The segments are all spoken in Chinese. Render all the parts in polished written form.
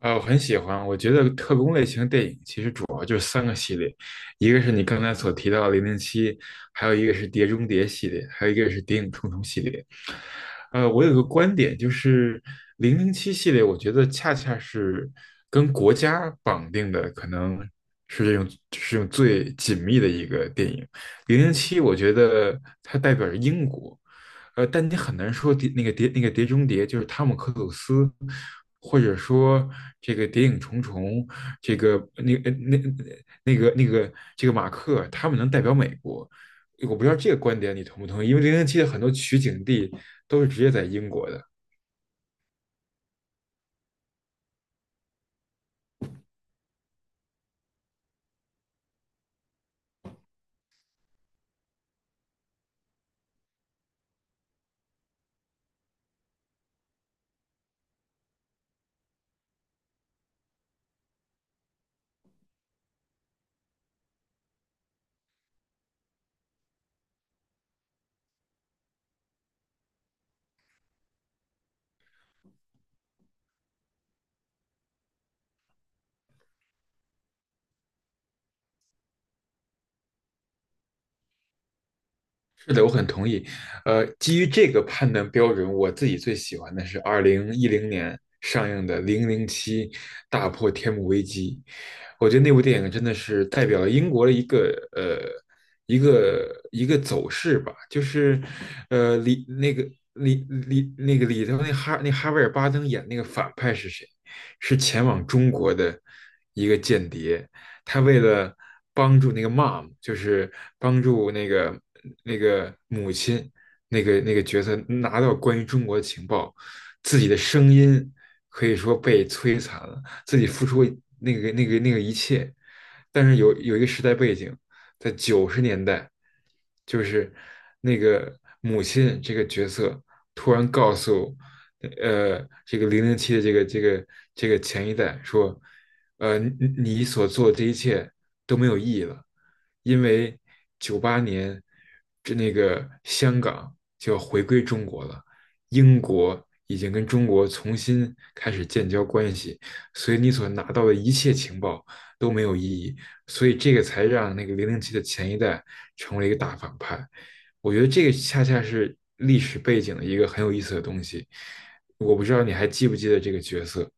啊，我很喜欢。我觉得特工类型的电影，其实一个是你刚才所提到的《零零七》，还有一个是《碟中谍》系列，还有一个是《谍影重重》系列。我有个观点，就是零零七系列，我觉得恰恰是跟国家绑定的，可能是这种是用最紧密的一个电影。零零七，我觉得它代表着英国。但你很难说碟那个碟那个碟中谍就是汤姆克鲁斯，或者说这个谍影重重，这个那个那马克，他们能代表美国。我不知道这个观点你同不同意，因为零零七的很多取景地都是直接在英国的。是的，我很同意。基于这个判断标准，我自己最喜欢的是2010年上映的《零零七：大破天幕危机》。我觉得那部电影真的是代表了英国的呃一个走势吧，就是呃里那个里里那个里头那哈那哈维尔巴登演那个反派是谁？是前往中国的一个间谍。他为了帮助那个 mom，就是帮助那个母亲，那个角色拿到关于中国的情报。自己的声音可以说被摧残了，自己付出一切。但是有一个时代背景，在九十年代，就是那个母亲这个角色突然告诉，这个零零七的这个前一代说，你所做的这一切都没有意义了，因为007这那个香港就要回归中国了，英国已经跟中国重新开始建交关系，所以你所拿到的一切情报都没有意义，所以这个才让那个零零七的前一代成为一个大反派。我觉得这个恰恰是历史背景的一个很有意思的东西。我不知道你还记不记得这个角色。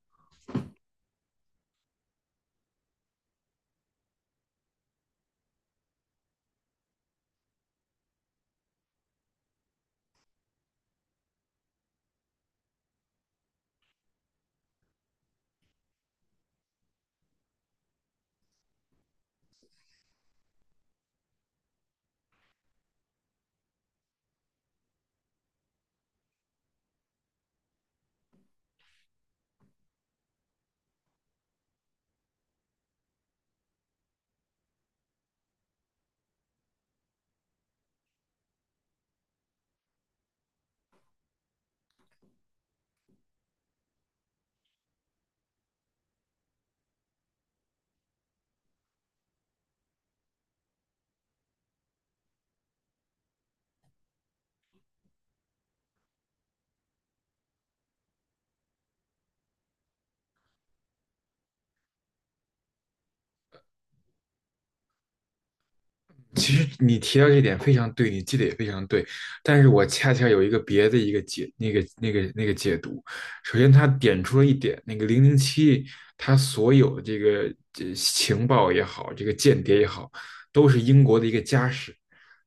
其实你提到这点非常对，你记得也非常对，但是我恰恰有一个别的一个解那个那个那个解读。首先，他点出了一点，那个零零七他所有的这情报也好，这个间谍也好，都是英国的一个家事。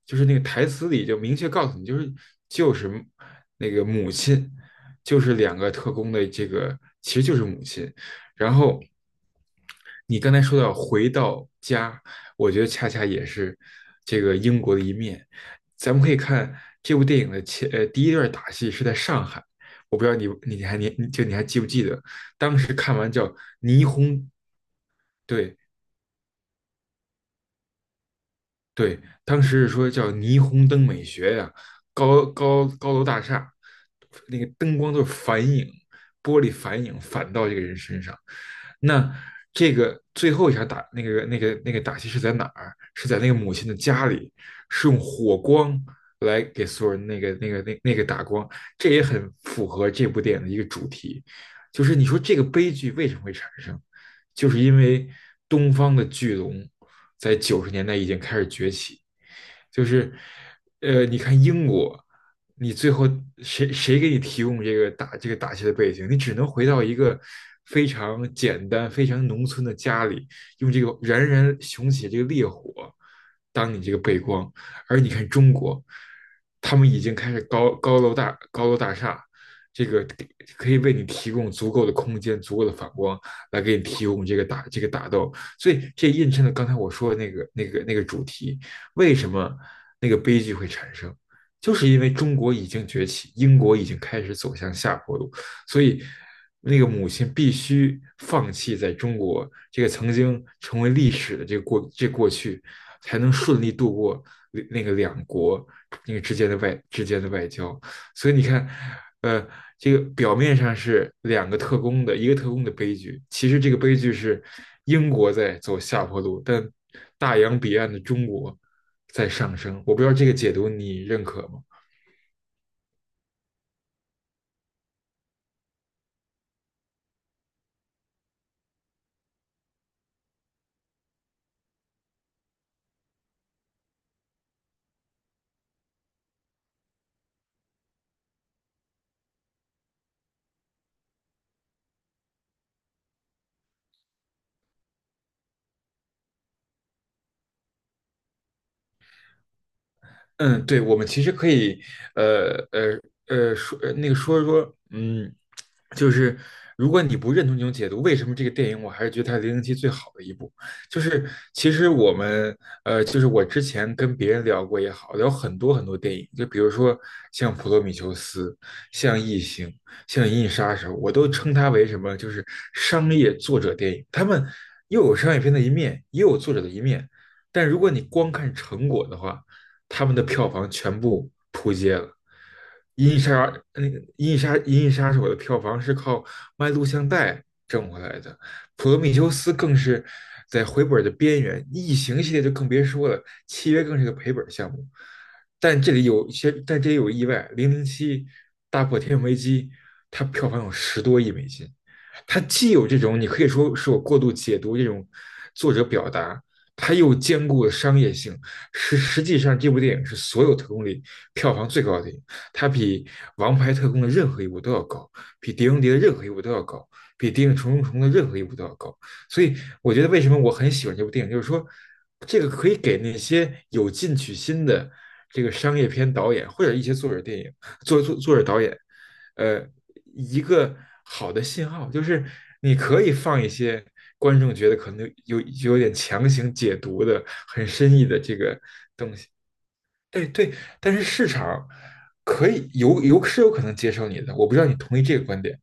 就是那个台词里就明确告诉你，就是那个母亲，就是两个特工的这个其实就是母亲，然后。你刚才说到回到家，我觉得恰恰也是这个英国的一面。咱们可以看这部电影的第一段打戏是在上海。我不知道你还记不记得，当时看完叫霓虹。对对，当时是说叫霓虹灯美学呀、高楼大厦，那个灯光都是反影，玻璃反影反到这个人身上。那这个最后一场打那个那个那个打戏是在哪儿？是在那个母亲的家里，是用火光来给所有人打光。这也很符合这部电影的一个主题，就是你说这个悲剧为什么会产生？就是因为东方的巨龙在九十年代已经开始崛起。就是你看英国，你最后谁给你提供这个打戏的背景？你只能回到一个非常简单、非常农村的家里，用这个燃熊起这个烈火当你这个背光。而你看中国，他们已经开始高楼大厦，这个可以为你提供足够的空间、足够的反光，来给你提供这个打斗。所以这印证了刚才我说的主题：为什么那个悲剧会产生？就是因为中国已经崛起，英国已经开始走向下坡路，所以那个母亲必须放弃在中国这个曾经成为历史的这个过去，才能顺利度过那个两国之间的外交。所以你看，呃，这个表面上是两个特工的一个特工的悲剧，其实这个悲剧是英国在走下坡路，但大洋彼岸的中国在上升。我不知道这个解读你认可吗？嗯，对，我们其实可以。呃呃说呃那个说说，就是如果你不认同这种解读，为什么这个电影我还是觉得它是《零零七》最好的一部？就是其实我们，就是我之前跟别人聊过也好，聊很多很多电影，就比如说像《普罗米修斯》、像《异形》、像《银翼杀手》，我都称它为什么？就是商业作者电影，他们又有商业片的一面，也有作者的一面。但如果你光看成果的话，他们的票房全部扑街了。《银翼杀手那个《银翼杀银翼杀手》的票房是靠卖录像带挣回来的，《普罗米修斯》更是在回本的边缘，《异形》系列就更别说了，《契约》更是个赔本项目。但这里有意外，《零零七》大破天危机，它票房有10多亿美金。它既有这种你可以说是我过度解读这种作者表达，它又兼顾了商业性。实际上，这部电影是所有特工里票房最高的电影。它比《王牌特工》的任何一部都要高，比《碟中谍》的任何一部都要高，比《谍影重重重》的任何一部都要高。所以，我觉得为什么我很喜欢这部电影，就是说，这个可以给那些有进取心的这个商业片导演或者一些作者电影作者导演，呃，一个好的信号，就是你可以放一些观众觉得可能有点强行解读的、很深意的这个东西。对对，但是市场可以有可能接受你的，我不知道你同意这个观点。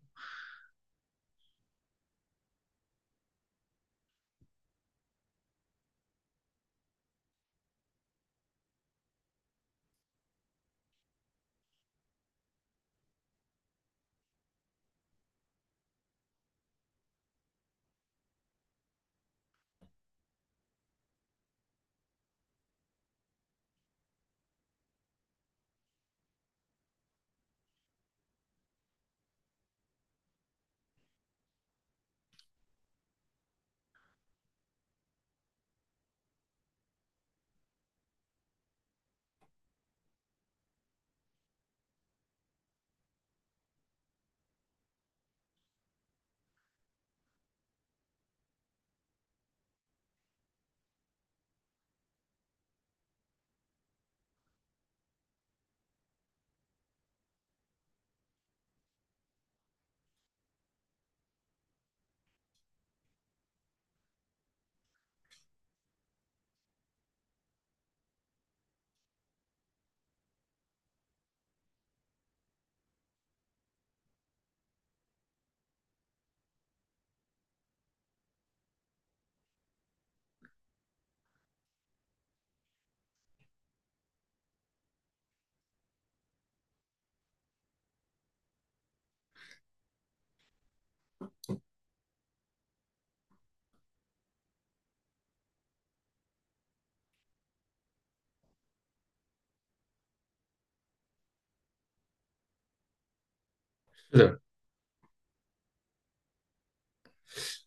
是的，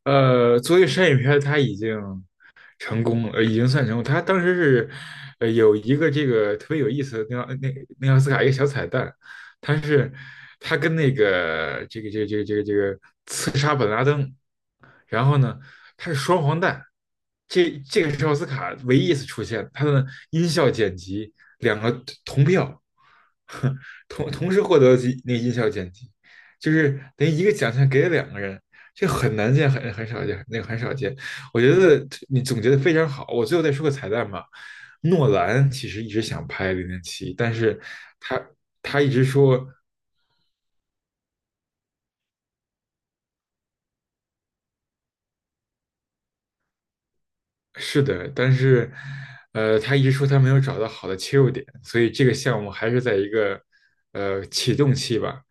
作为商业片，它已经成功了。已经算成功。他当时是，有一个这个特别有意思的那那那奥斯卡一个小彩蛋。他是他跟那个刺杀本拉登，然后呢，他是双黄蛋。这个是奥斯卡唯一一次出现，他的音效剪辑两个同票，同时获得几音效剪辑，就是等于一个奖项给了两个人。这很难见，很少见，那个很少见。我觉得你总结的非常好。我最后再说个彩蛋吧。诺兰其实一直想拍《零零七》，但是他他一直说。是的，但是他一直说他没有找到好的切入点，所以这个项目还是在一个启动期吧。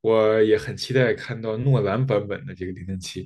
我也很期待看到诺兰版本的这个《零零七》。